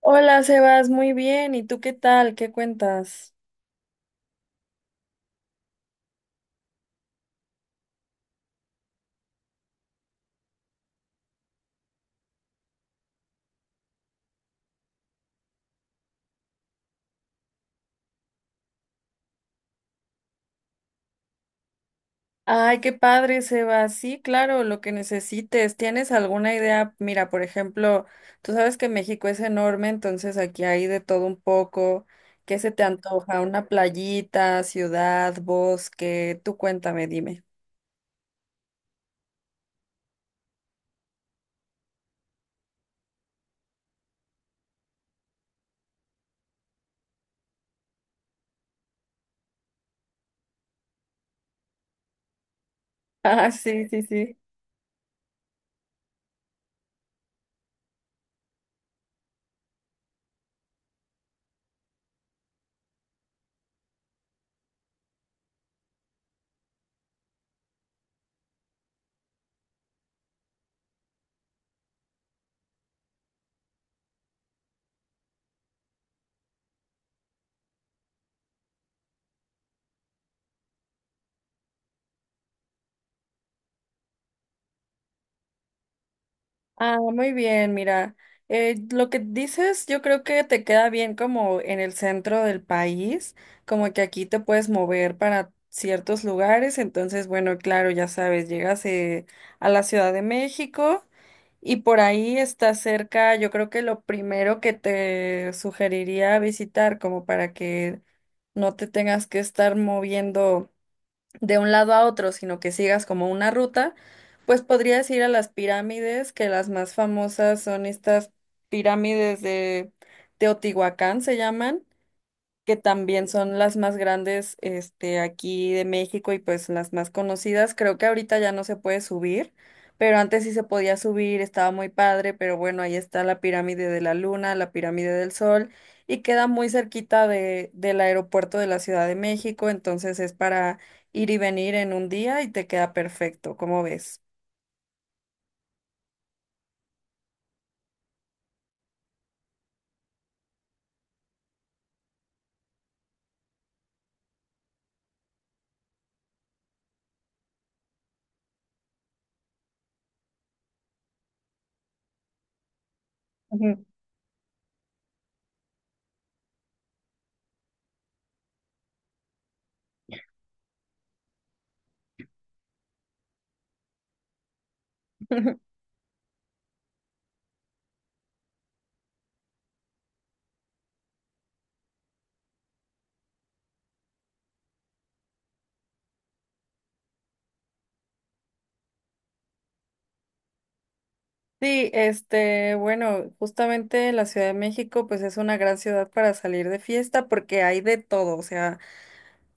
Hola, Sebas, muy bien. ¿Y tú qué tal? ¿Qué cuentas? Ay, qué padre, Sebas. Sí, claro, lo que necesites. ¿Tienes alguna idea? Mira, por ejemplo, tú sabes que México es enorme, entonces aquí hay de todo un poco. ¿Qué se te antoja? ¿Una playita, ciudad, bosque? Tú cuéntame, dime. Ah, sí, sí, sí. Ah, muy bien, mira, lo que dices yo creo que te queda bien como en el centro del país, como que aquí te puedes mover para ciertos lugares, entonces bueno, claro, ya sabes, llegas a la Ciudad de México, y por ahí está cerca. Yo creo que lo primero que te sugeriría visitar, como para que no te tengas que estar moviendo de un lado a otro, sino que sigas como una ruta, pues podrías ir a las pirámides, que las más famosas son estas pirámides de Teotihuacán, se llaman, que también son las más grandes, aquí de México, y pues las más conocidas. Creo que ahorita ya no se puede subir, pero antes sí se podía subir, estaba muy padre. Pero bueno, ahí está la pirámide de la Luna, la pirámide del Sol, y queda muy cerquita de, del aeropuerto de la Ciudad de México, entonces es para ir y venir en un día, y te queda perfecto, ¿cómo ves? Ujú. Sí, este, bueno, justamente la Ciudad de México, pues es una gran ciudad para salir de fiesta porque hay de todo, o sea,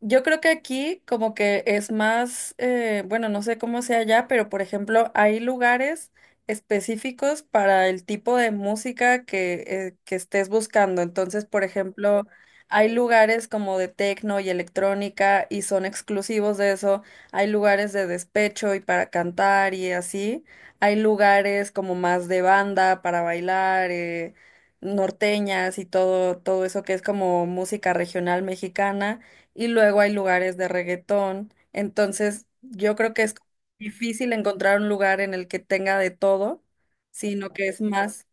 yo creo que aquí como que es más, bueno, no sé cómo sea allá, pero por ejemplo, hay lugares específicos para el tipo de música que estés buscando. Entonces, por ejemplo, hay lugares como de techno y electrónica, y son exclusivos de eso. Hay lugares de despecho y para cantar y así. Hay lugares como más de banda para bailar, norteñas y todo, todo eso que es como música regional mexicana, y luego hay lugares de reggaetón. Entonces, yo creo que es difícil encontrar un lugar en el que tenga de todo, sino que es más.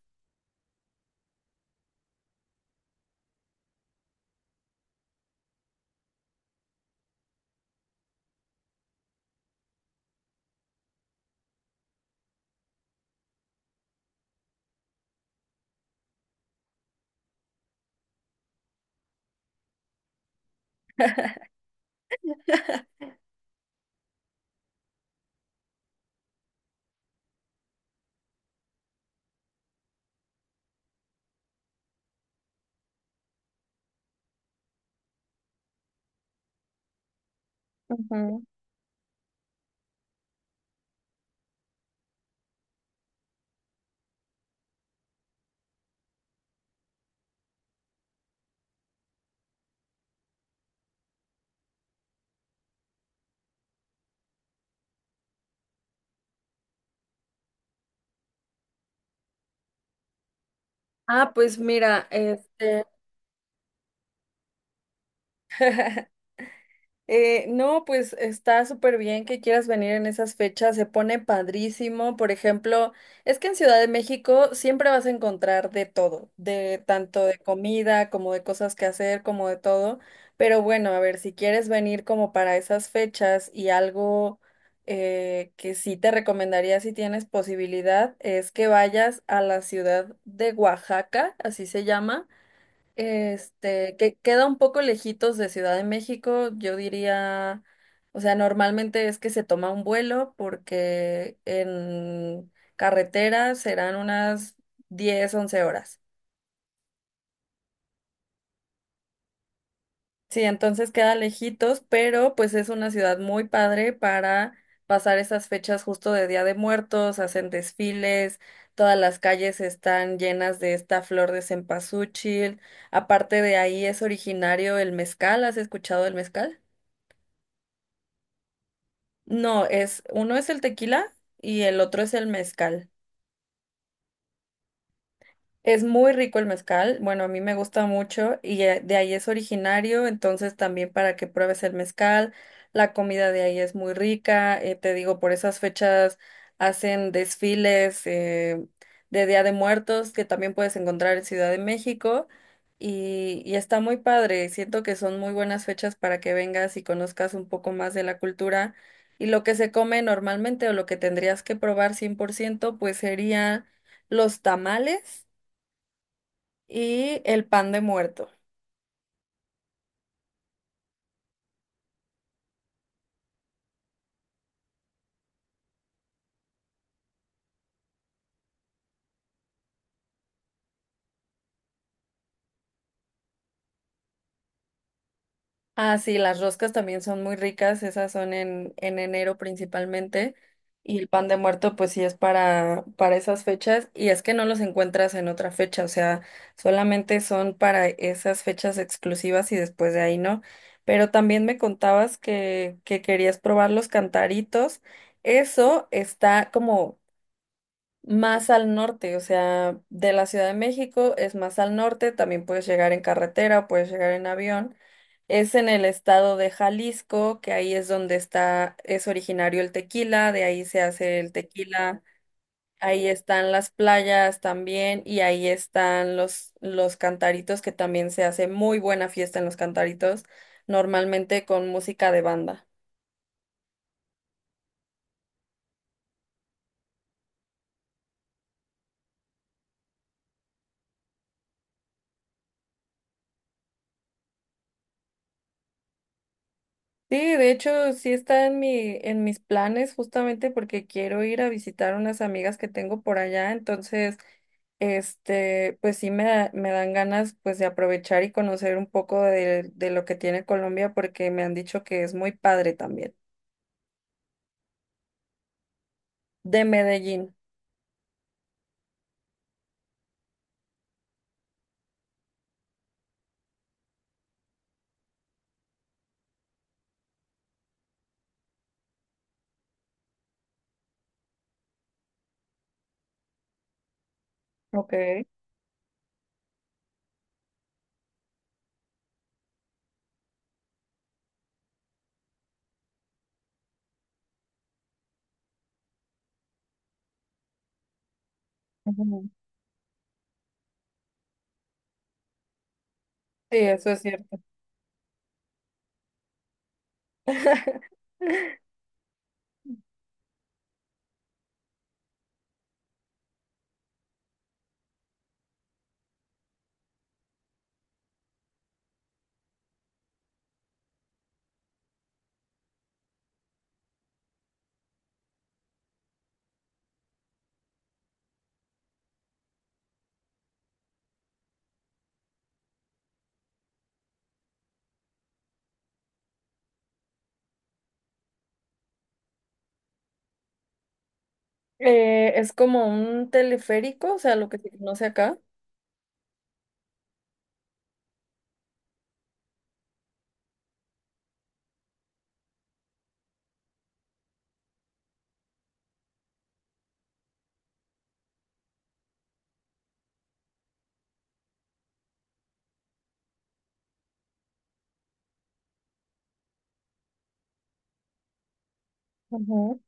Ujú. Ah, pues mira, este, no, pues está súper bien que quieras venir en esas fechas, se pone padrísimo. Por ejemplo, es que en Ciudad de México siempre vas a encontrar de todo, de tanto de comida como de cosas que hacer, como de todo. Pero bueno, a ver, si quieres venir como para esas fechas y algo que sí te recomendaría si tienes posibilidad, es que vayas a la ciudad de Oaxaca, así se llama. Este, que queda un poco lejitos de Ciudad de México, yo diría, o sea, normalmente es que se toma un vuelo porque en carretera serán unas 10 u 11 horas. Sí, entonces queda lejitos, pero pues es una ciudad muy padre para pasar esas fechas justo de Día de Muertos, hacen desfiles, todas las calles están llenas de esta flor de cempasúchil. Aparte, de ahí es originario el mezcal, ¿has escuchado el mezcal? No, es, uno es el tequila y el otro es el mezcal. Es muy rico el mezcal, bueno, a mí me gusta mucho, y de ahí es originario, entonces también para que pruebes el mezcal, la comida de ahí es muy rica, te digo, por esas fechas hacen desfiles de Día de Muertos, que también puedes encontrar en Ciudad de México, y está muy padre. Siento que son muy buenas fechas para que vengas y conozcas un poco más de la cultura, y lo que se come normalmente o lo que tendrías que probar 100%, pues sería los tamales y el pan de muerto. Ah, sí, las roscas también son muy ricas, esas son en enero principalmente. Y el pan de muerto, pues sí es para esas fechas. Y es que no los encuentras en otra fecha, o sea, solamente son para esas fechas exclusivas y después de ahí no. Pero también me contabas que querías probar los cantaritos. Eso está como más al norte, o sea, de la Ciudad de México es más al norte, también puedes llegar en carretera, puedes llegar en avión. Es en el estado de Jalisco, que ahí es donde está, es originario el tequila, de ahí se hace el tequila, ahí están las playas también, y ahí están los cantaritos, que también se hace muy buena fiesta en los cantaritos, normalmente con música de banda. Sí, de hecho, sí está en mi, en mis planes, justamente porque quiero ir a visitar unas amigas que tengo por allá, entonces, este, pues sí me, me dan ganas pues de aprovechar y conocer un poco de lo que tiene Colombia porque me han dicho que es muy padre también. De Medellín. Ok. Ujú. Sí, eso es cierto. Es como un teleférico, o sea, lo que se conoce acá. Ujú.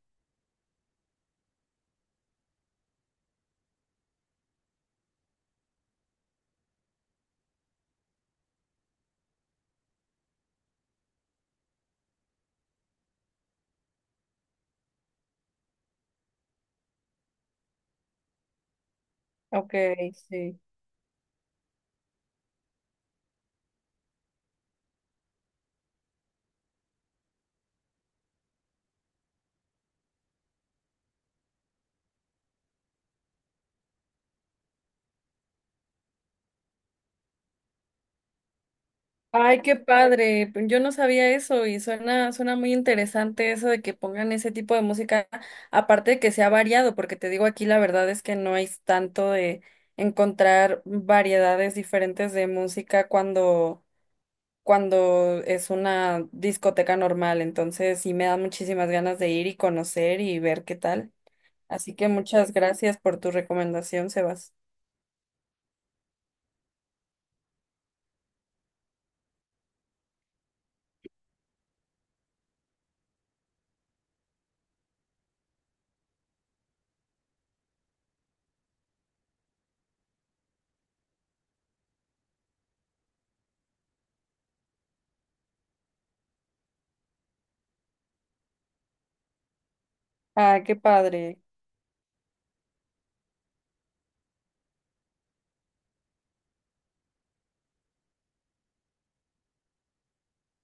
Ok, sí. Ay, qué padre, pues. Yo no sabía eso, y suena, suena muy interesante eso de que pongan ese tipo de música, aparte de que sea variado, porque te digo, aquí la verdad es que no hay tanto de encontrar variedades diferentes de música cuando, cuando es una discoteca normal. Entonces sí me da muchísimas ganas de ir y conocer y ver qué tal. Así que muchas gracias por tu recomendación, Sebas. Ah, qué padre.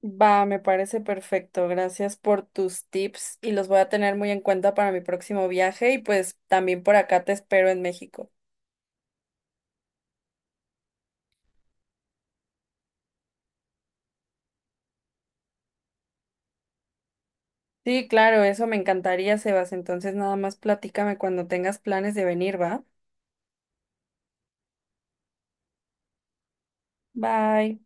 Va, me parece perfecto. Gracias por tus tips y los voy a tener muy en cuenta para mi próximo viaje, y pues también por acá te espero en México. Sí, claro, eso me encantaría, Sebas. Entonces nada más platícame cuando tengas planes de venir, ¿va? Bye.